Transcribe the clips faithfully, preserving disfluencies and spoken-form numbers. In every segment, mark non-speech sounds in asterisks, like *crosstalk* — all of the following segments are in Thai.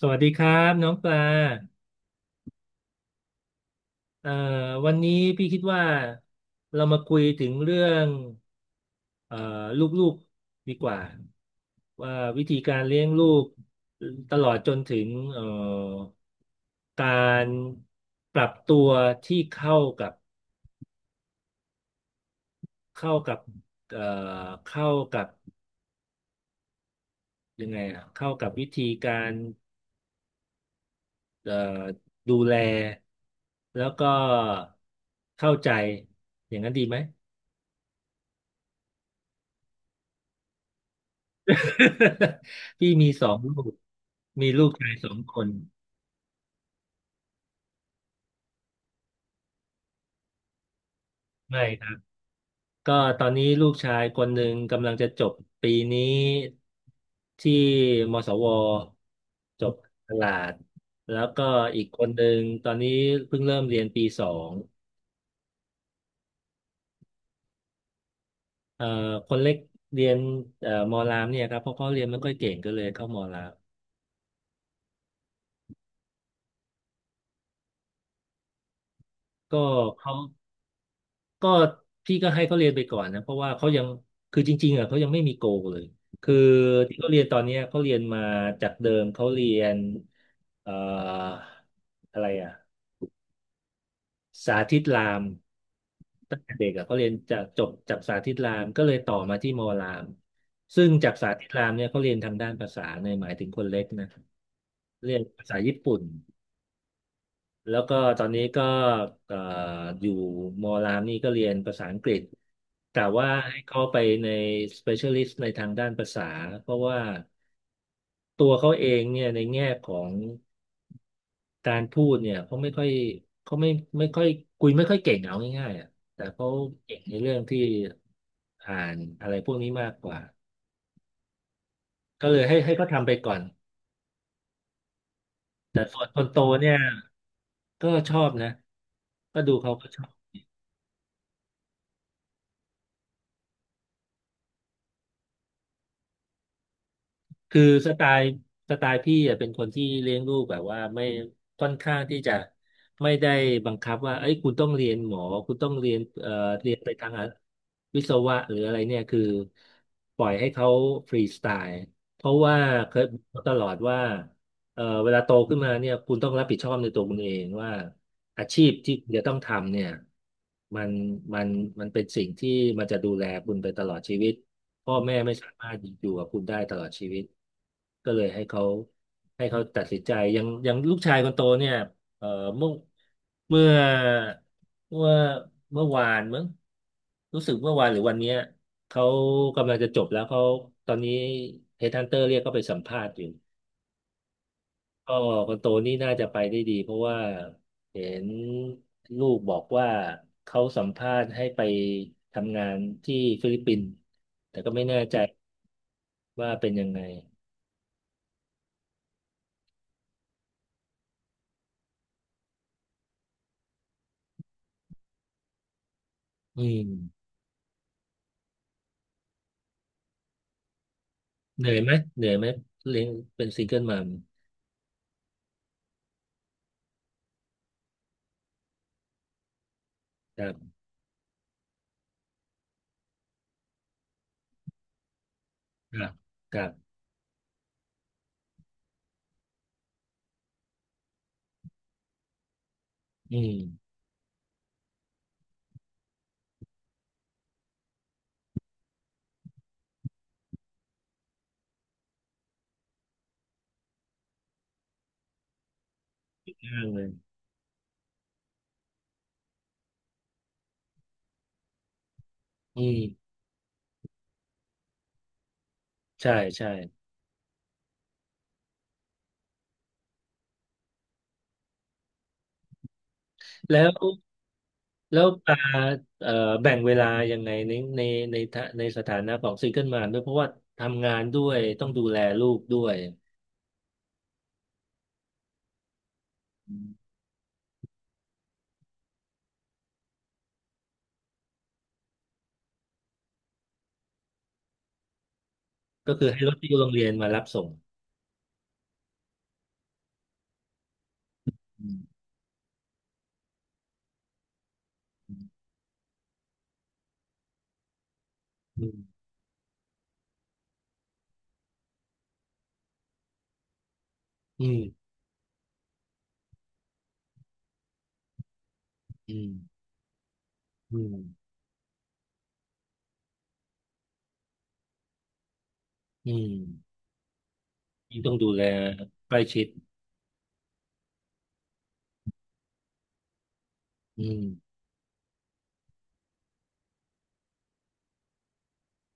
สวัสดีครับน้องปลาเอ่อวันนี้พี่คิดว่าเรามาคุยถึงเรื่องเอ่อลูกๆดีกว่าว่าวิธีการเลี้ยงลูกตลอดจนถึงเอ่อการปรับตัวที่เข้ากับเข้ากับเอ่อเข้ากับยังไงอะเข้ากับวิธีการเอ่อดูแลแล้วก็เข้าใจอย่างนั้นดีไหม *laughs* พี่มีสองลูกมีลูกชายสองคนไม่ครับก็ตอนนี้ลูกชายคนหนึ่งกำลังจะจบปีนี้ที่มศวจบตลาด แล้วก็อีกคนหนึ่งตอนนี้เพิ่งเริ่มเรียนปีสองเอ่อคนเล็กเรียนเอ่อมอรามเนี่ยครับเพราะเขาเรียนไม่ค่อยเก่งก็เลยเข้ามอรามก็เขา ก็พี่ก็ให้เขาเรียนไปก่อนนะเพราะว่าเขายังคือจริงๆอ่ะเขายังไม่มีโกเลยคือที่เขาเรียนตอนเนี้ยเขาเรียนมาจากเดิมเขาเรียนเอ่ออะไรอ่ะสาธิตรามตั้งแต่เด็กอ่ะเขาเรียนจากจบจากสาธิตรามก็เลยต่อมาที่มอรามซึ่งจากสาธิตรามเนี่ยเขาเรียนทางด้านภาษาในยหมายถึงคนเล็กนะเรียนภาษาญี่ปุ่น แล้วก็ตอนนี้ก็เอ่ออยู่มอรามนี่ก็เรียนภาษาอังกฤษแต่ว่าให้เข้าไปใน specialist ในทางด้านภาษาเพราะว่าตัวเขาเองเนี่ยในแง่ของการพูดเนี่ยเขาไม่ค่อยเขาไม่ไม่ค่อยคุยไม่ค่อยเก่งเอาง่ายๆอ่ะแต่เขาเก่งในเรื่องที่อ่านอะไรพวกนี้มากกว่าก็เลยให้ให้เขาทำไปก่อนแต่ส่วนคนโตเนี่ยก็ชอบนะก็ดูเขาก็ชอบ คือสไตล์สไตล์พี่อะเป็นคนที่เลี้ยงลูกแบบว่าไม่ค่อนข้างที่จะไม่ได้บังคับว่าเอ้ยคุณต้องเรียนหมอคุณต้องเรียนเอ่อเรียนไปทางวิศวะหรืออะไรเนี่ยคือปล่อยให้เขาฟรีสไตล์เพราะว่าเคยบอกเขาตลอดว่า เอ่อเวลาโตขึ้นมาเนี่ยคุณต้องรับผิดชอบในตัวคุณเองว่าอาชีพที่คุณจะต้องทำเนี่ยมันมันมันเป็นสิ่งที่มันจะดูแลคุณไปตลอดชีวิตพ่อแม่ไม่สามารถอยู่กับคุณได้ตลอดชีวิตก็เลยให้เขาให้เขาตัดสินใจอย่างอย่างลูกชายคนโตเนี่ยเอ่อเมื่อเมื่อเมื่อเมื่อวานมั้งรู้สึกเมื่อวานหรือวันเนี้ยเขากำลังจะจบแล้วเขาตอนนี้เฮดฮันเตอร์เรียกเขาไปสัมภาษณ์อยู่ ก็คนโตนี่น่าจะไปได้ดีเพราะว่าเห็นลูกบอกว่าเขาสัมภาษณ์ให้ไปทำงานที่ฟิลิปปินส์แต่ก็ไม่แน่ใจว่าเป็นยังไงอืมเหนื่อยไหมเหนื่อยไหมเลี้ยงเป็นซิงเกิลมัมครับครับครับอืมยากเลยอืมใช่ใช่แล้วแล้วปาเอ่อแบ่งเวลายังไงในในในทะในสถานะของซิงเกิลมัมด้วยเพราะว่าทำงานด้วยต้องดูแลลูกด้วย ก็คือให้รถที่โรงเรียนมารับส่งอืมอืมอืมอืมอืมอืมยิ่งต้องดูแลใกล้ชิดอืม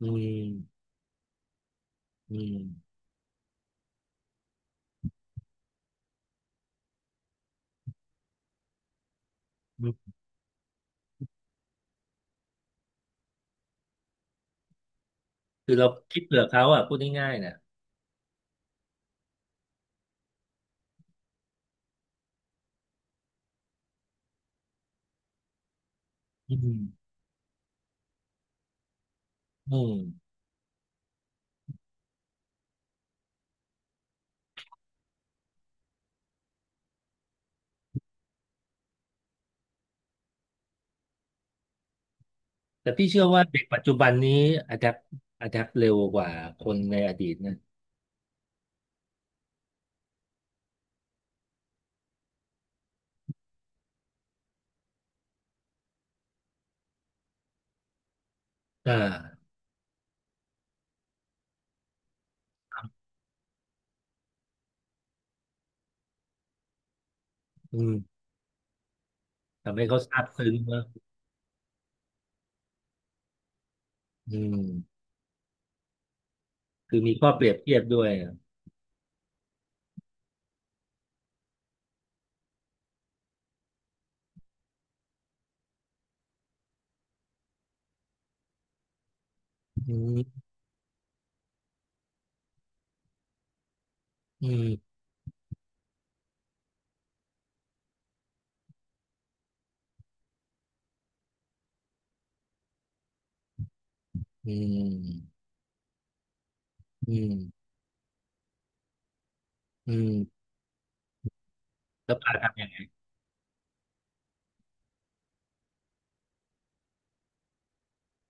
อืมอืมอืมคือเราคิดเผื่อเขาอ่ะพูดง่ายๆนะอืมอืมแต่พี่เชื่อว่าเด็กปัจจุบันนี้อะแดปอะแดปเร็วกว่าคนในอดีตนะอ่าอืมทำให้เขาซาบซึ้งมากอืมคือมีข้อเปรียบเทียบด้วยอะอืมอืมอืมอืมอืมแล้วปาทำยังไง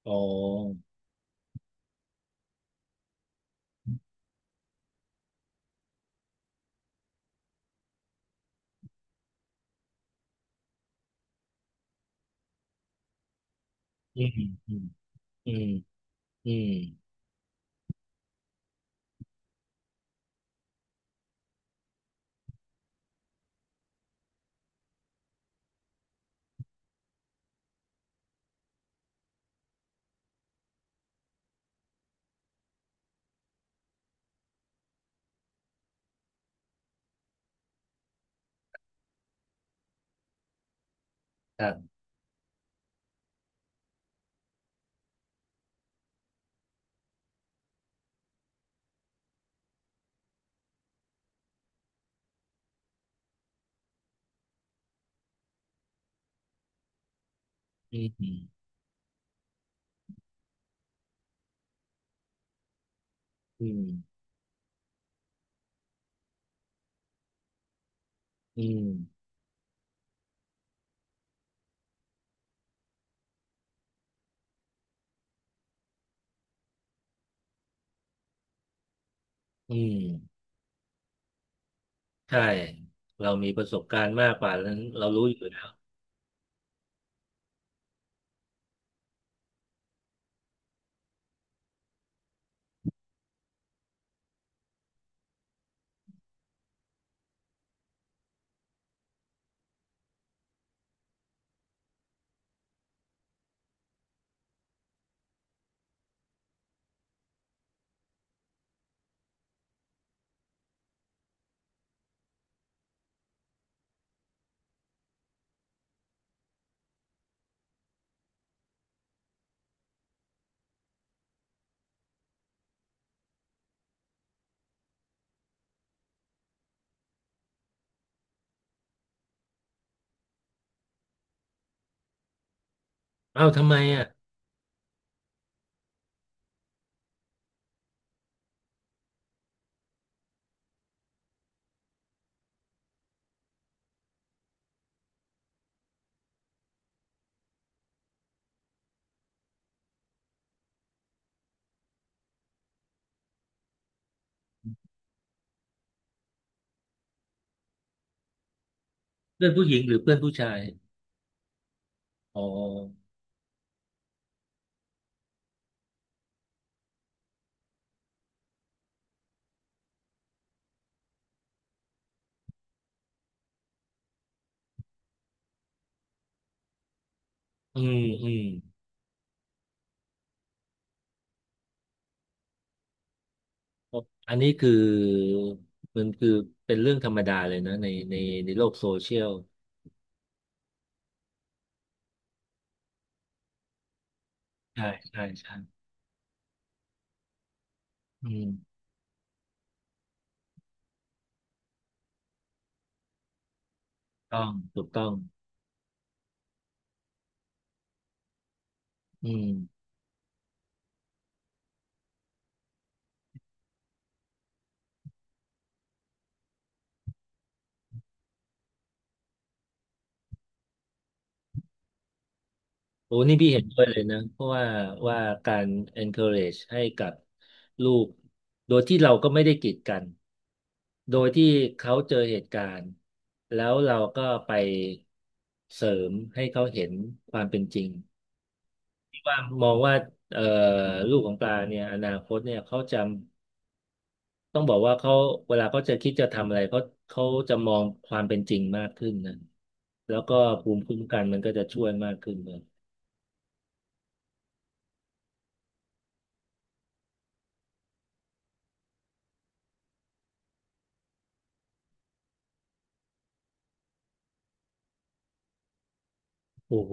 อ๋ออืมอืมอืมอืมครับอืมอืมอืมอืมอืมใช่ เรามีประสบการณ์มากกว่านั้นเรารู้อยู่แล้วเอ้าทำไมอ่ะเพื่อนผู้หญิงหรือเพื่อนผู้ชายอ๋ออืมอืมอันนี้คือมันคือเป็นเรื่องธรรมดาเลยนะในในในโลกโซเชียล ใช่ ใช่ใช่อืมต้องถูกต้องอืม โอ้นี่พี่เห็นด้วยเลยนะเพราะว่าว่าการ encourage ให้กับลูกโดยที่เราก็ไม่ได้กีดกันโดยที่เขาเจอเหตุการณ์แล้วเราก็ไปเสริมให้เขาเห็นความเป็นจริงที่ว่ามองว่าเอ่อลูกของปลาเนี่ยอนาคตเนี่ยเขาจะต้องบอกว่าเขาเวลาเขาจะคิดจะทำอะไรเขาเขาจะมองความเป็นจริงมากขึ้นนะแล้วก็ภูมิคุ้มกันมันก็จะช่วยมากขึ้นเลยโอ้โห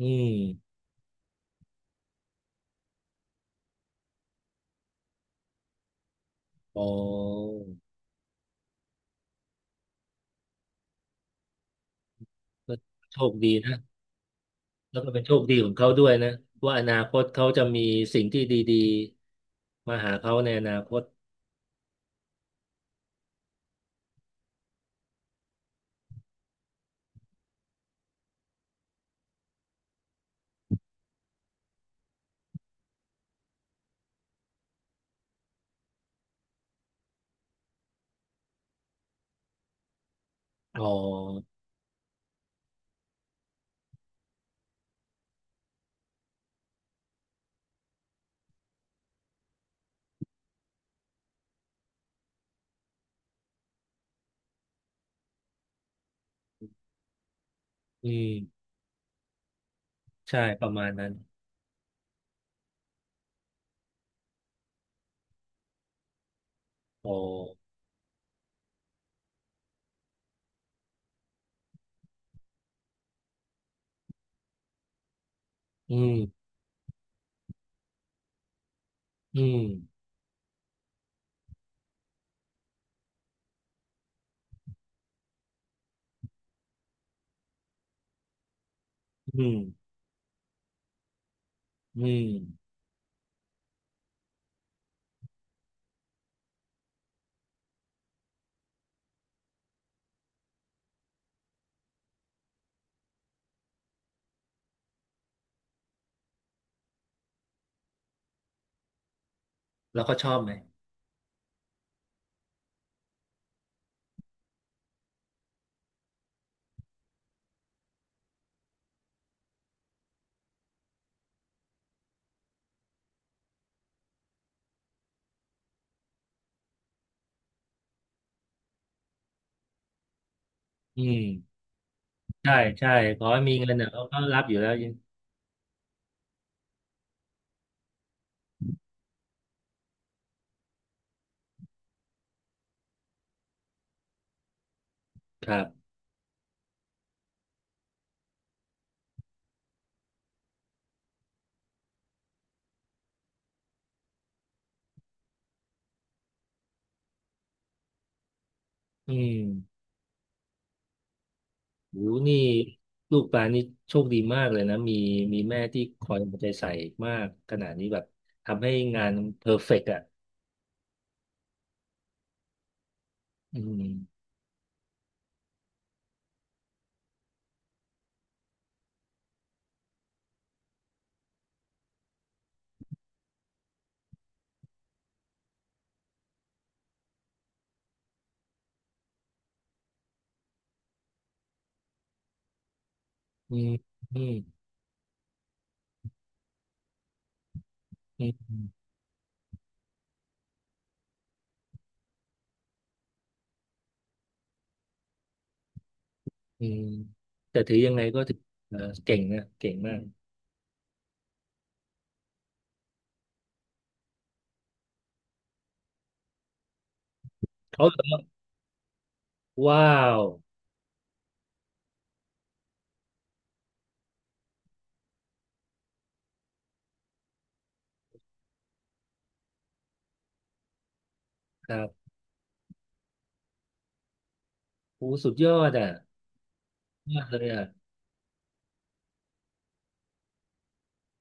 อืมอ๋อก็โชคดีนะ แล้วก็เป็นโชคดีของเขาด้วยนะ ว่าอนาคตเขาจะมีสิ่งที่ดีๆ มาหาเขาในอนาคตอ๋ออืม ใช่ ประมาณนั้นอ๋ออืม อืม อืม อืม แล้วก็ชอบไหมอืมใช่ใช่ขอให้มีเงินเนี่ยเขาก็รับอยู่แล้วครับอืม หนูนี่ลูกปลานี่โชคดีมากเลยนะ มีมีแม่ที่คอยเอาใจใส่มากขนาดนี้แบบทำให้งานเพอร์เฟกต์อ่ะอืมอืมอืมอืมอืมแต่ถือยังไงก็ถือเอ่อเก่งนะ เก่งมาก เขาแบบว่าว้าวครับโอ้สุดยอดอ่ะมากเลยอ่ะ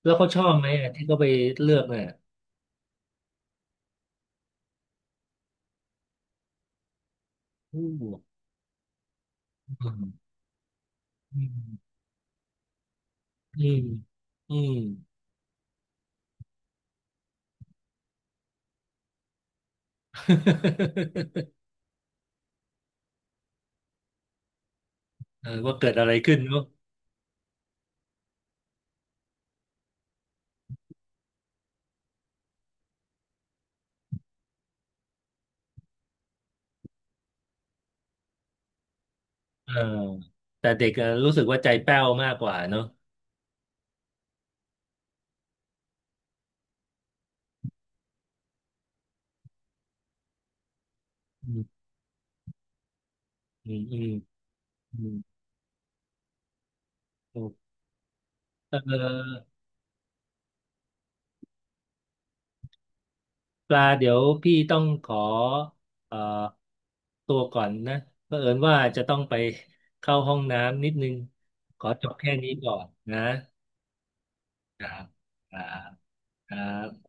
แล้วเขาชอบไหมอ่ะที่เขาไปเลือกเนี่ยอือืมอืมอืมอืม *laughs* เออว่าเกิดอะไรขึ้นเนอะ เออแต่เด็กอะรู้สึกว่าใจแป้วมากกว่าเนอะอืมอืมอืมอืมโอเออปลาเดี๋ยวพี่ต้องขอเอ่อตัวก่อนนะเผอิญว่าจะต้องไปเข้าห้องน้ำนิดนึงขอจบแค่นี้ก่อนนะครับครับครับ